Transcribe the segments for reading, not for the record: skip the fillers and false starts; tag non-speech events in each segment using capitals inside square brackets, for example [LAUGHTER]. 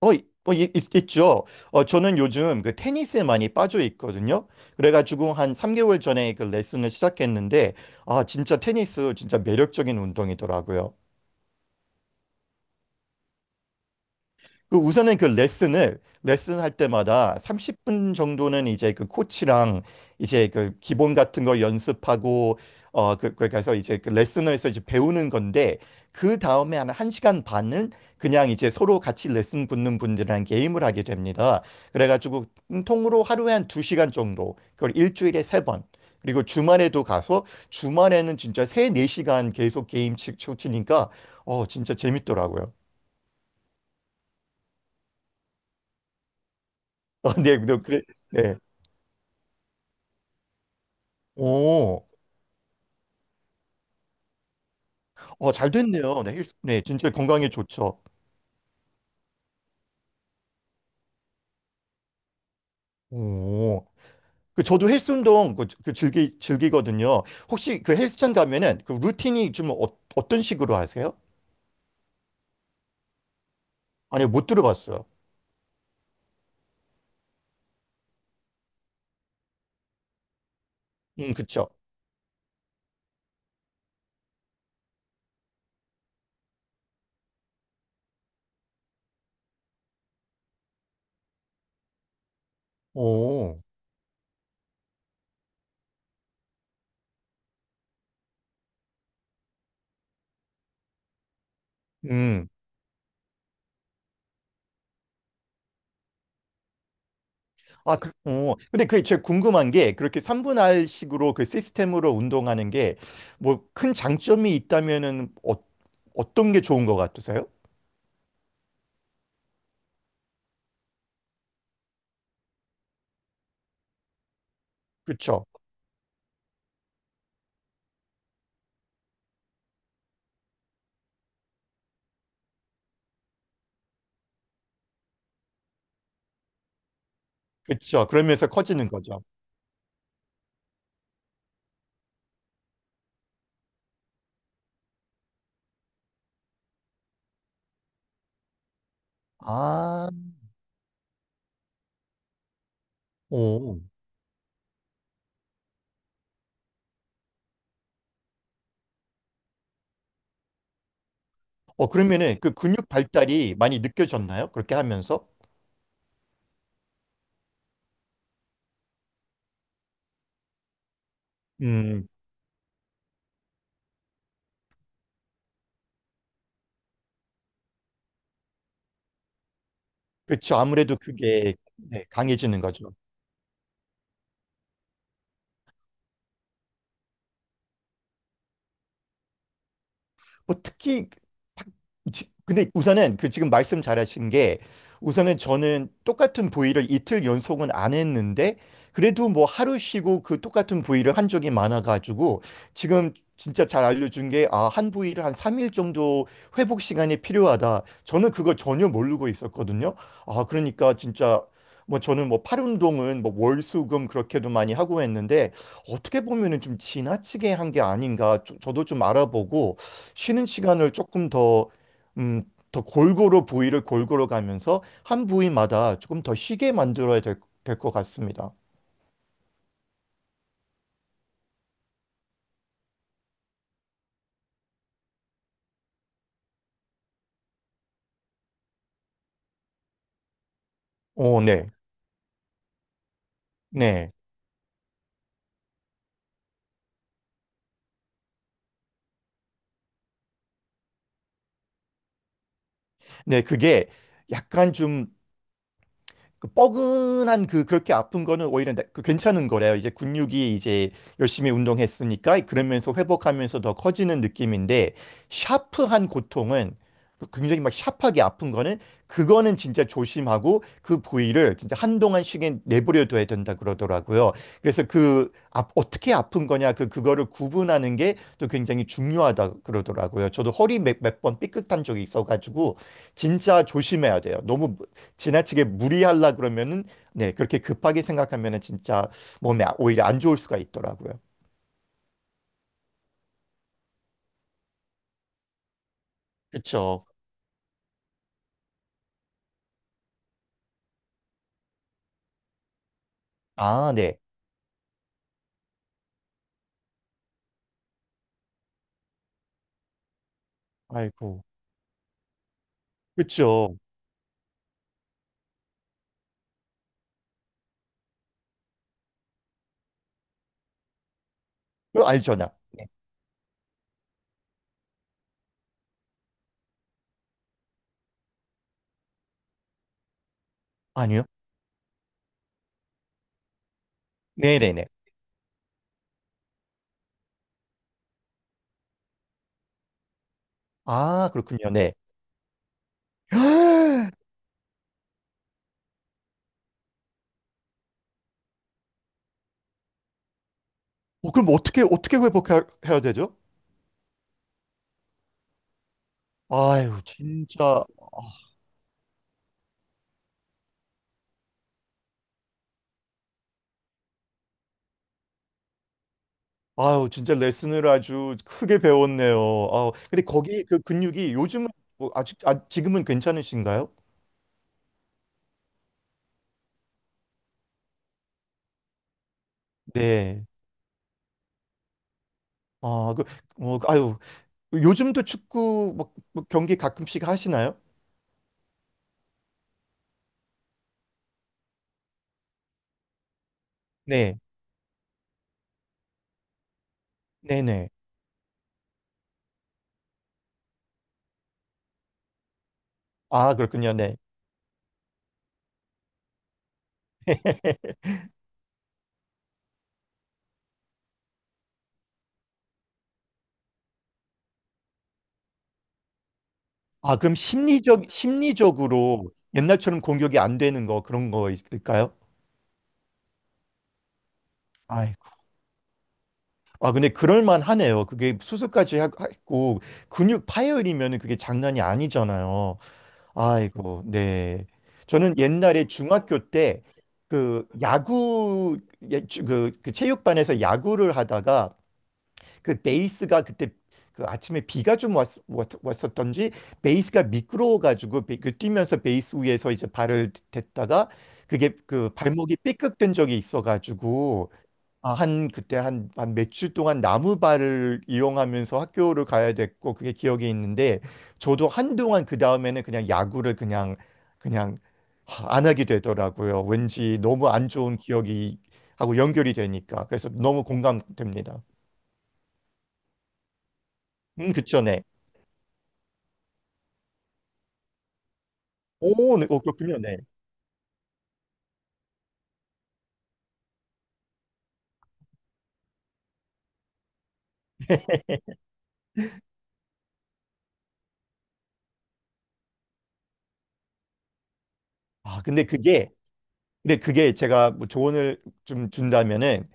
있죠. 저는 요즘 그 테니스에 많이 빠져 있거든요. 그래가지고 한 3개월 전에 그 레슨을 시작했는데, 아, 진짜 테니스 진짜 매력적인 운동이더라고요. 그 우선은 그 레슨을 레슨할 때마다 30분 정도는 이제 그 코치랑 이제 그 기본 같은 거 연습하고 어그 그래서 이제 그 레슨을 해서 이제 배우는 건데 그 다음에 한 1시간 반을 그냥 이제 서로 같이 레슨 붙는 분들이랑 게임을 하게 됩니다. 그래가지고 통으로 하루에 한 2시간 정도 그걸 일주일에 3번 그리고 주말에도 가서 주말에는 진짜 세 네시간 계속 게임 치니까 진짜 재밌더라고요. [LAUGHS] 네, 그래, 네. 오, 잘 됐네요. 네, 헬스, 네, 진짜 건강에 좋죠. 오, 그 저도 헬스 운동 그 즐기거든요. 혹시 그 헬스장 가면은 그 루틴이 좀 어떤 식으로 하세요? 아니요, 못 들어봤어요. 그쵸. 오, 음, 아, 그, 오, 근데 그게 제가 궁금한 게 그렇게 3분할 식으로 그 시스템으로 운동하는 게 뭐 큰 장점이 있다면은 어떤 게 좋은 것 같으세요? 그쵸, 그쵸. 그러면서 커지는 거죠. 아, 오. 그러면은 그 근육 발달이 많이 느껴졌나요? 그렇게 하면서? 음, 그렇죠. 아무래도 그게 네, 강해지는 거죠. 뭐 특히 딱 근데 우선은 그 지금 말씀 잘하신 게 우선은 저는 똑같은 부위를 이틀 연속은 안 했는데 그래도 뭐 하루 쉬고 그 똑같은 부위를 한 적이 많아가지고 지금 진짜 잘 알려준 게 아, 한 부위를 한 3일 정도 회복 시간이 필요하다. 저는 그거 전혀 모르고 있었거든요. 아, 그러니까 진짜 뭐 저는 뭐 팔 운동은 뭐 월수금 그렇게도 많이 하고 했는데 어떻게 보면은 좀 지나치게 한 게 아닌가 저도 좀 알아보고 쉬는 시간을 조금 더, 음, 더 골고루 부위를 골고루 가면서 한 부위마다 조금 더 쉬게 만들어야 될, 될 것 같습니다. 오, 네. 네. 네, 그게 약간 좀 그 뻐근한 그 그렇게 아픈 거는 오히려 그 괜찮은 거래요. 이제 근육이 이제 열심히 운동했으니까 그러면서 회복하면서 더 커지는 느낌인데 샤프한 고통은 굉장히 막 샤프하게 아픈 거는 그거는 진짜 조심하고 그 부위를 진짜 한동안 쉬게 내버려둬야 된다 그러더라고요. 그래서 그 아, 어떻게 아픈 거냐 그 그거를 구분하는 게 또 굉장히 중요하다 그러더라고요. 저도 허리 몇 번 삐끗한 적이 있어가지고 진짜 조심해야 돼요. 너무 지나치게 무리하려 그러면은 네, 그렇게 급하게 생각하면은 진짜 몸에 오히려 안 좋을 수가 있더라고요. 그쵸. 아, 네. 아이고. 그쵸. 그거 알죠, 나. 네. 아니요? 네네네. 아, 그렇군요. 네. [GASPS] 그럼 어떻게, 어떻게 회복해야 되죠? 아유, 진짜. 아유, 진짜 레슨을 아주 크게 배웠네요. 아우, 근데 거기 그 근육이 요즘은 뭐 아직, 아, 지금은 괜찮으신가요? 네. 아, 그, 뭐, 아유, 요즘도 축구 뭐, 뭐 경기 가끔씩 하시나요? 네. 네네. 아, 그렇군요. 네. [LAUGHS] 아, 그럼 심리적, 심리적으로 옛날처럼 공격이 안 되는 거, 그런 거일까요? 아이고. 아, 근데 그럴만 하네요. 그게 수술까지 했고, 근육 파열이면은 그게 장난이 아니잖아요. 아이고, 네. 저는 옛날에 중학교 때 그 야구, 예, 그 체육반에서 야구를 하다가 그 베이스가 그때 그 아침에 비가 좀 왔었던지 베이스가 미끄러워가지고 그 뛰면서 베이스 위에서 이제 발을 댔다가 그게 그 발목이 삐걱된 적이 있어가지고 아, 한 그때 한 몇 주 동안 나무발을 이용하면서 학교를 가야 됐고 그게 기억에 있는데 저도 한동안 그 다음에는 그냥 야구를 그냥 그냥 안 하게 되더라고요. 왠지 너무 안 좋은 기억이 하고 연결이 되니까 그래서 너무 공감됩니다. 그쵸, 네. 오, 네, 그렇군요. 네. 아, 근데 그게 제가 뭐 조언을 좀 준다면은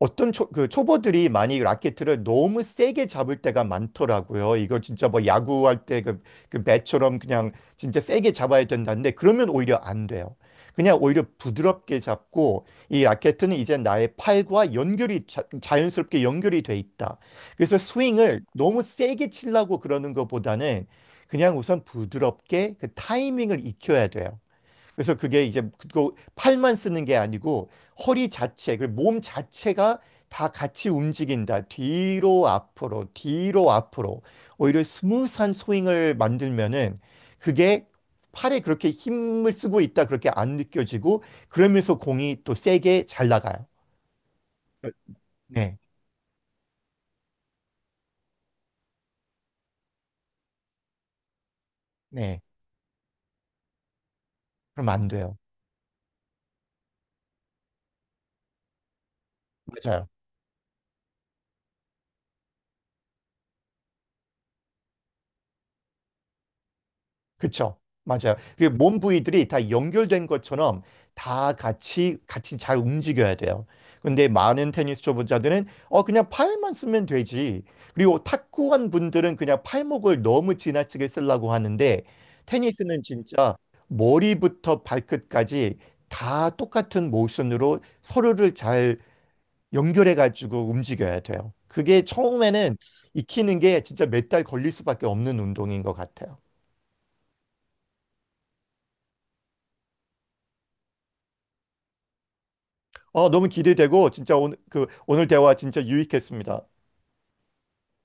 어떤 그 초보들이 많이 라켓을 너무 세게 잡을 때가 많더라고요. 이걸 진짜 뭐 야구할 때 그, 그 배처럼 그냥 진짜 세게 잡아야 된다는데 그러면 오히려 안 돼요. 그냥 오히려 부드럽게 잡고 이 라켓은 이제 나의 팔과 연결이 연스럽게 연결이 돼 있다. 그래서 스윙을 너무 세게 치려고 그러는 것보다는 그냥 우선 부드럽게 그 타이밍을 익혀야 돼요. 그래서 그게 이제 그 팔만 쓰는 게 아니고 허리 자체, 그 몸 자체가 다 같이 움직인다. 뒤로 앞으로, 뒤로 앞으로. 오히려 스무스한 스윙을 만들면은 그게 팔에 그렇게 힘을 쓰고 있다. 그렇게 안 느껴지고 그러면서 공이 또 세게 잘 나가요. 네, 네. 그럼 안 돼요. 맞아요. 그쵸? 맞아요. 그 몸 부위들이 다 연결된 것처럼 다 같이 같이 잘 움직여야 돼요. 근데 많은 테니스 초보자들은 그냥 팔만 쓰면 되지. 그리고 탁구한 분들은 그냥 팔목을 너무 지나치게 쓰려고 하는데 테니스는 진짜 머리부터 발끝까지 다 똑같은 모션으로 서로를 잘 연결해 가지고 움직여야 돼요. 그게 처음에는 익히는 게 진짜 몇 달 걸릴 수밖에 없는 운동인 것 같아요. 너무 기대되고 진짜 오늘 그 오늘 대화 진짜 유익했습니다.